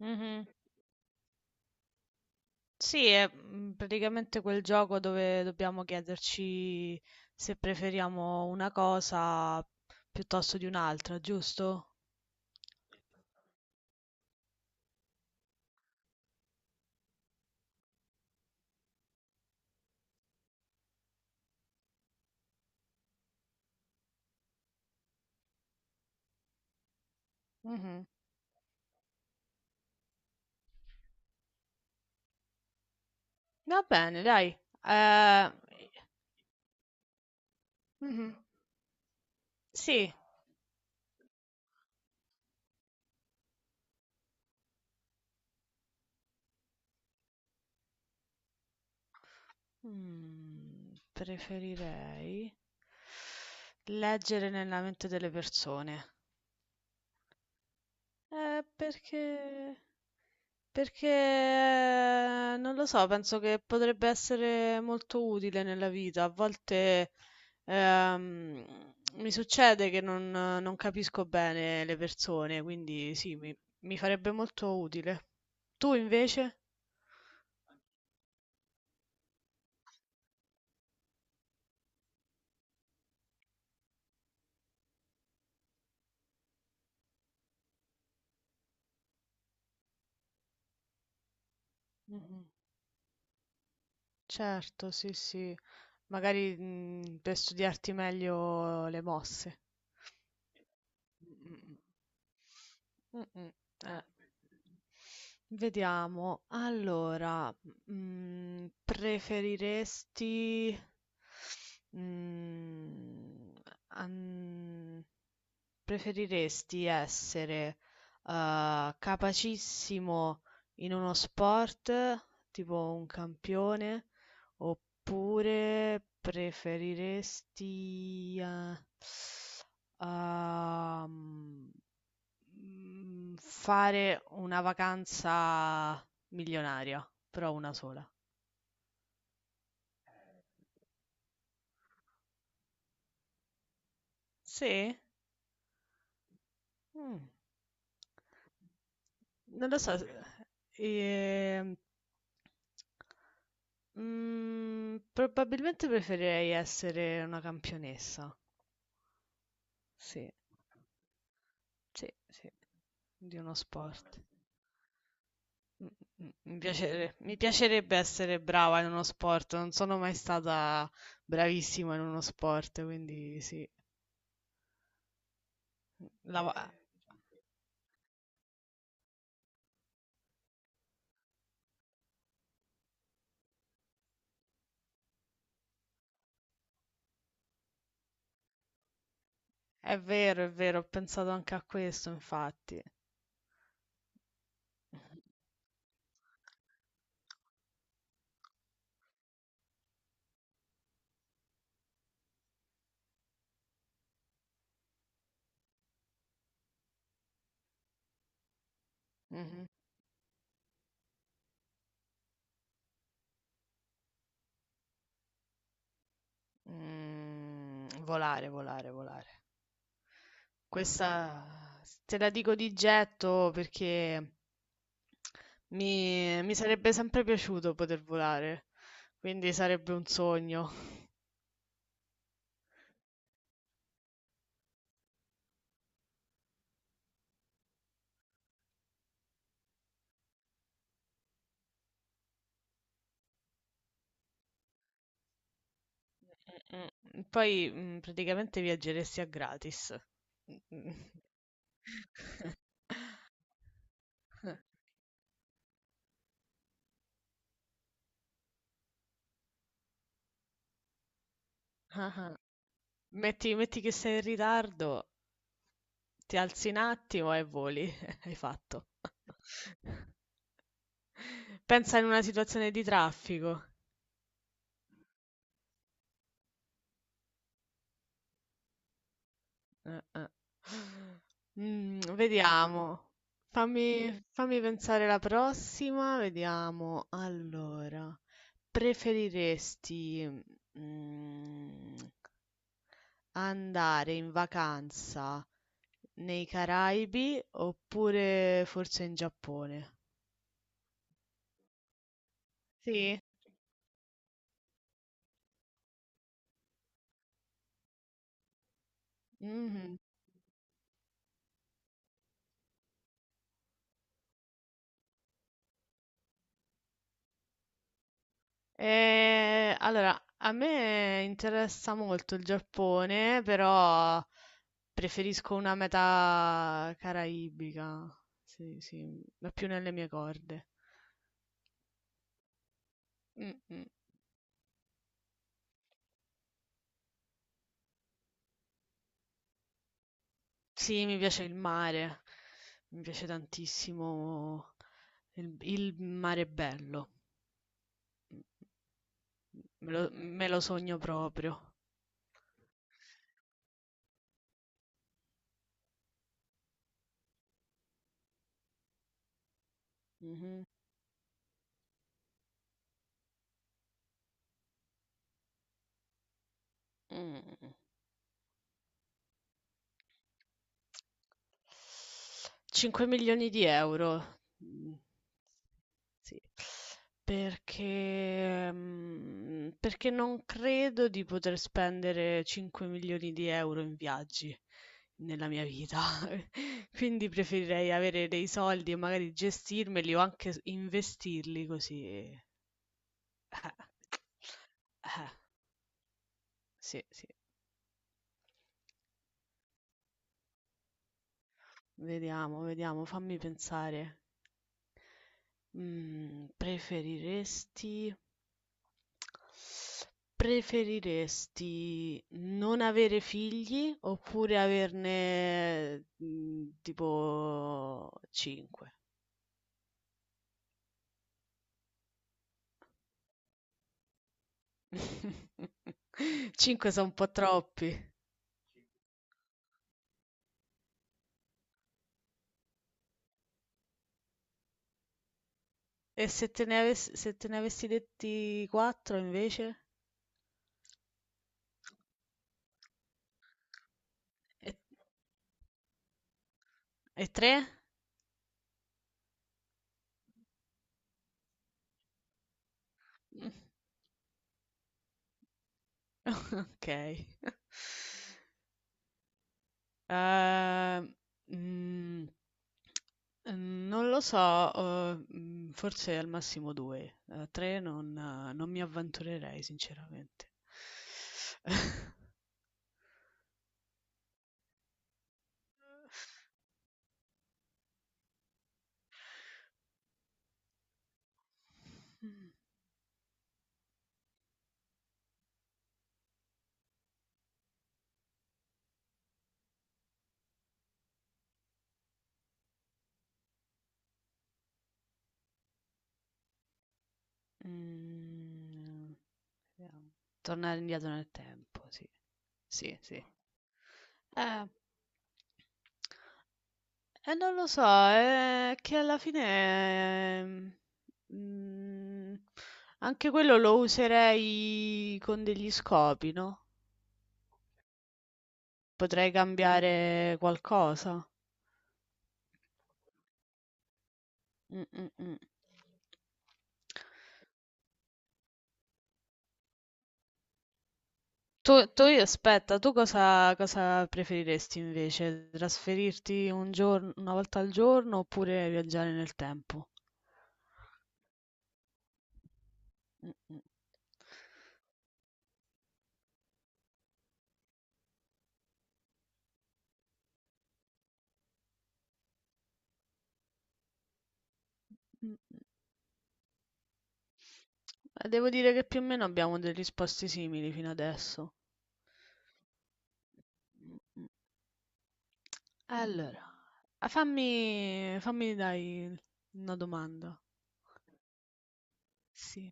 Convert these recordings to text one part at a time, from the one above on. Mhm. Sì, è praticamente quel gioco dove dobbiamo chiederci se preferiamo una cosa piuttosto di un'altra, giusto? Mhm. Va bene, dai. Eh, mhm. Sì, preferirei leggere nella mente delle persone. Perché? Perché non lo so, penso che potrebbe essere molto utile nella vita. A volte ehm, mi succede che non capisco bene le persone, quindi sì, mi farebbe molto utile. Tu invece? Mhm. Certo, sì, sì. Magari, per studiarti meglio le mosse. Mh-mh-mh. Mh-mh, eh. Vediamo. Allora, mhmm, preferiresti, mhmm, an preferiresti essere, capacissimo in uno sport, tipo un campione, oppure preferiresti, uhm, fare una vacanza milionaria, però una sola? Sì? Mh. Non lo so, ehm Mhmm, probabilmente preferirei essere una campionessa. Sì. Sì, sì. Di uno sport. Mh, mi piacerebbe essere brava in uno sport, non sono mai stata bravissima in uno sport, quindi sì. Mh, lava È vero, è vero, ho pensato anche a questo infatti. Mh-mh. Mhmm, Volare, volare, volare. Questa s te la dico di getto perché mi sarebbe sempre piaciuto poter volare, quindi sarebbe un sogno. Mh-mh. Poi, praticamente viaggeresti a gratis. Mh-mh. Ah-ah. Metti che sei in ritardo, ti alzi un attimo e voli, hai fatto. Pensa in una situazione di traffico. Eh, eh. Vediamo. Fammi pensare la prossima. Vediamo. Allora, preferiresti mm, andare in vacanza nei Caraibi oppure forse in Giappone? Sì. Mhm. Allora, a me interessa molto il Giappone, però preferisco una meta caraibica. Sì, sì, è più nelle mie corde. Mm, mm. Sì, mi piace il mare, mi piace tantissimo il mare bello, me lo sogno proprio. Mhm. Mm. Mm, mm. 5.000.000 €. Mh. Sì. Perché non credo di poter spendere 5.000.000 € in viaggi nella mia vita. Quindi preferirei avere dei soldi e magari gestirmeli o anche s investirli così Eh, sì, sì. Vediamo, vediamo, fammi pensare. Mhmm, preferiresti Preferiresti non avere figli oppure averne, tipo 5? 5 so' un po' troppi. E se te ne avessi detti 4 invece? E e 3? Mh, okay. Ehm, mhmm, Non lo so, forse al massimo 2, 3 non mi avventurerei sinceramente. Mhmm, Vediamo. Tornare indietro nel tempo, sì. Sì, sì. Eh. Non lo so, è che alla fine mm, anche quello lo userei con degli scopi, no? Potrei cambiare qualcosa. Mm, mm, mm. Tu aspetta, tu cosa preferiresti invece? Trasferirti un giorno, una volta al giorno oppure viaggiare nel tempo? Mm, mm, mm, mm. Devo dire che più o meno abbiamo delle risposte simili fino adesso. Allora, ah, fammi dai una domanda. Sì.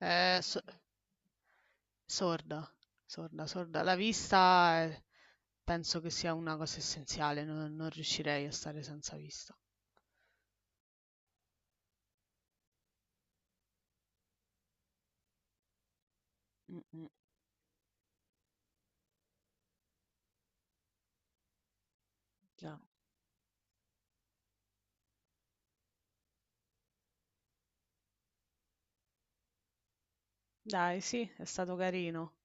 Eh, so- sorda, sorda, sorda. La vista penso che sia una cosa essenziale, non riuscirei a stare senza vista. Mm, mm, già. Dai, sì, è stato carino.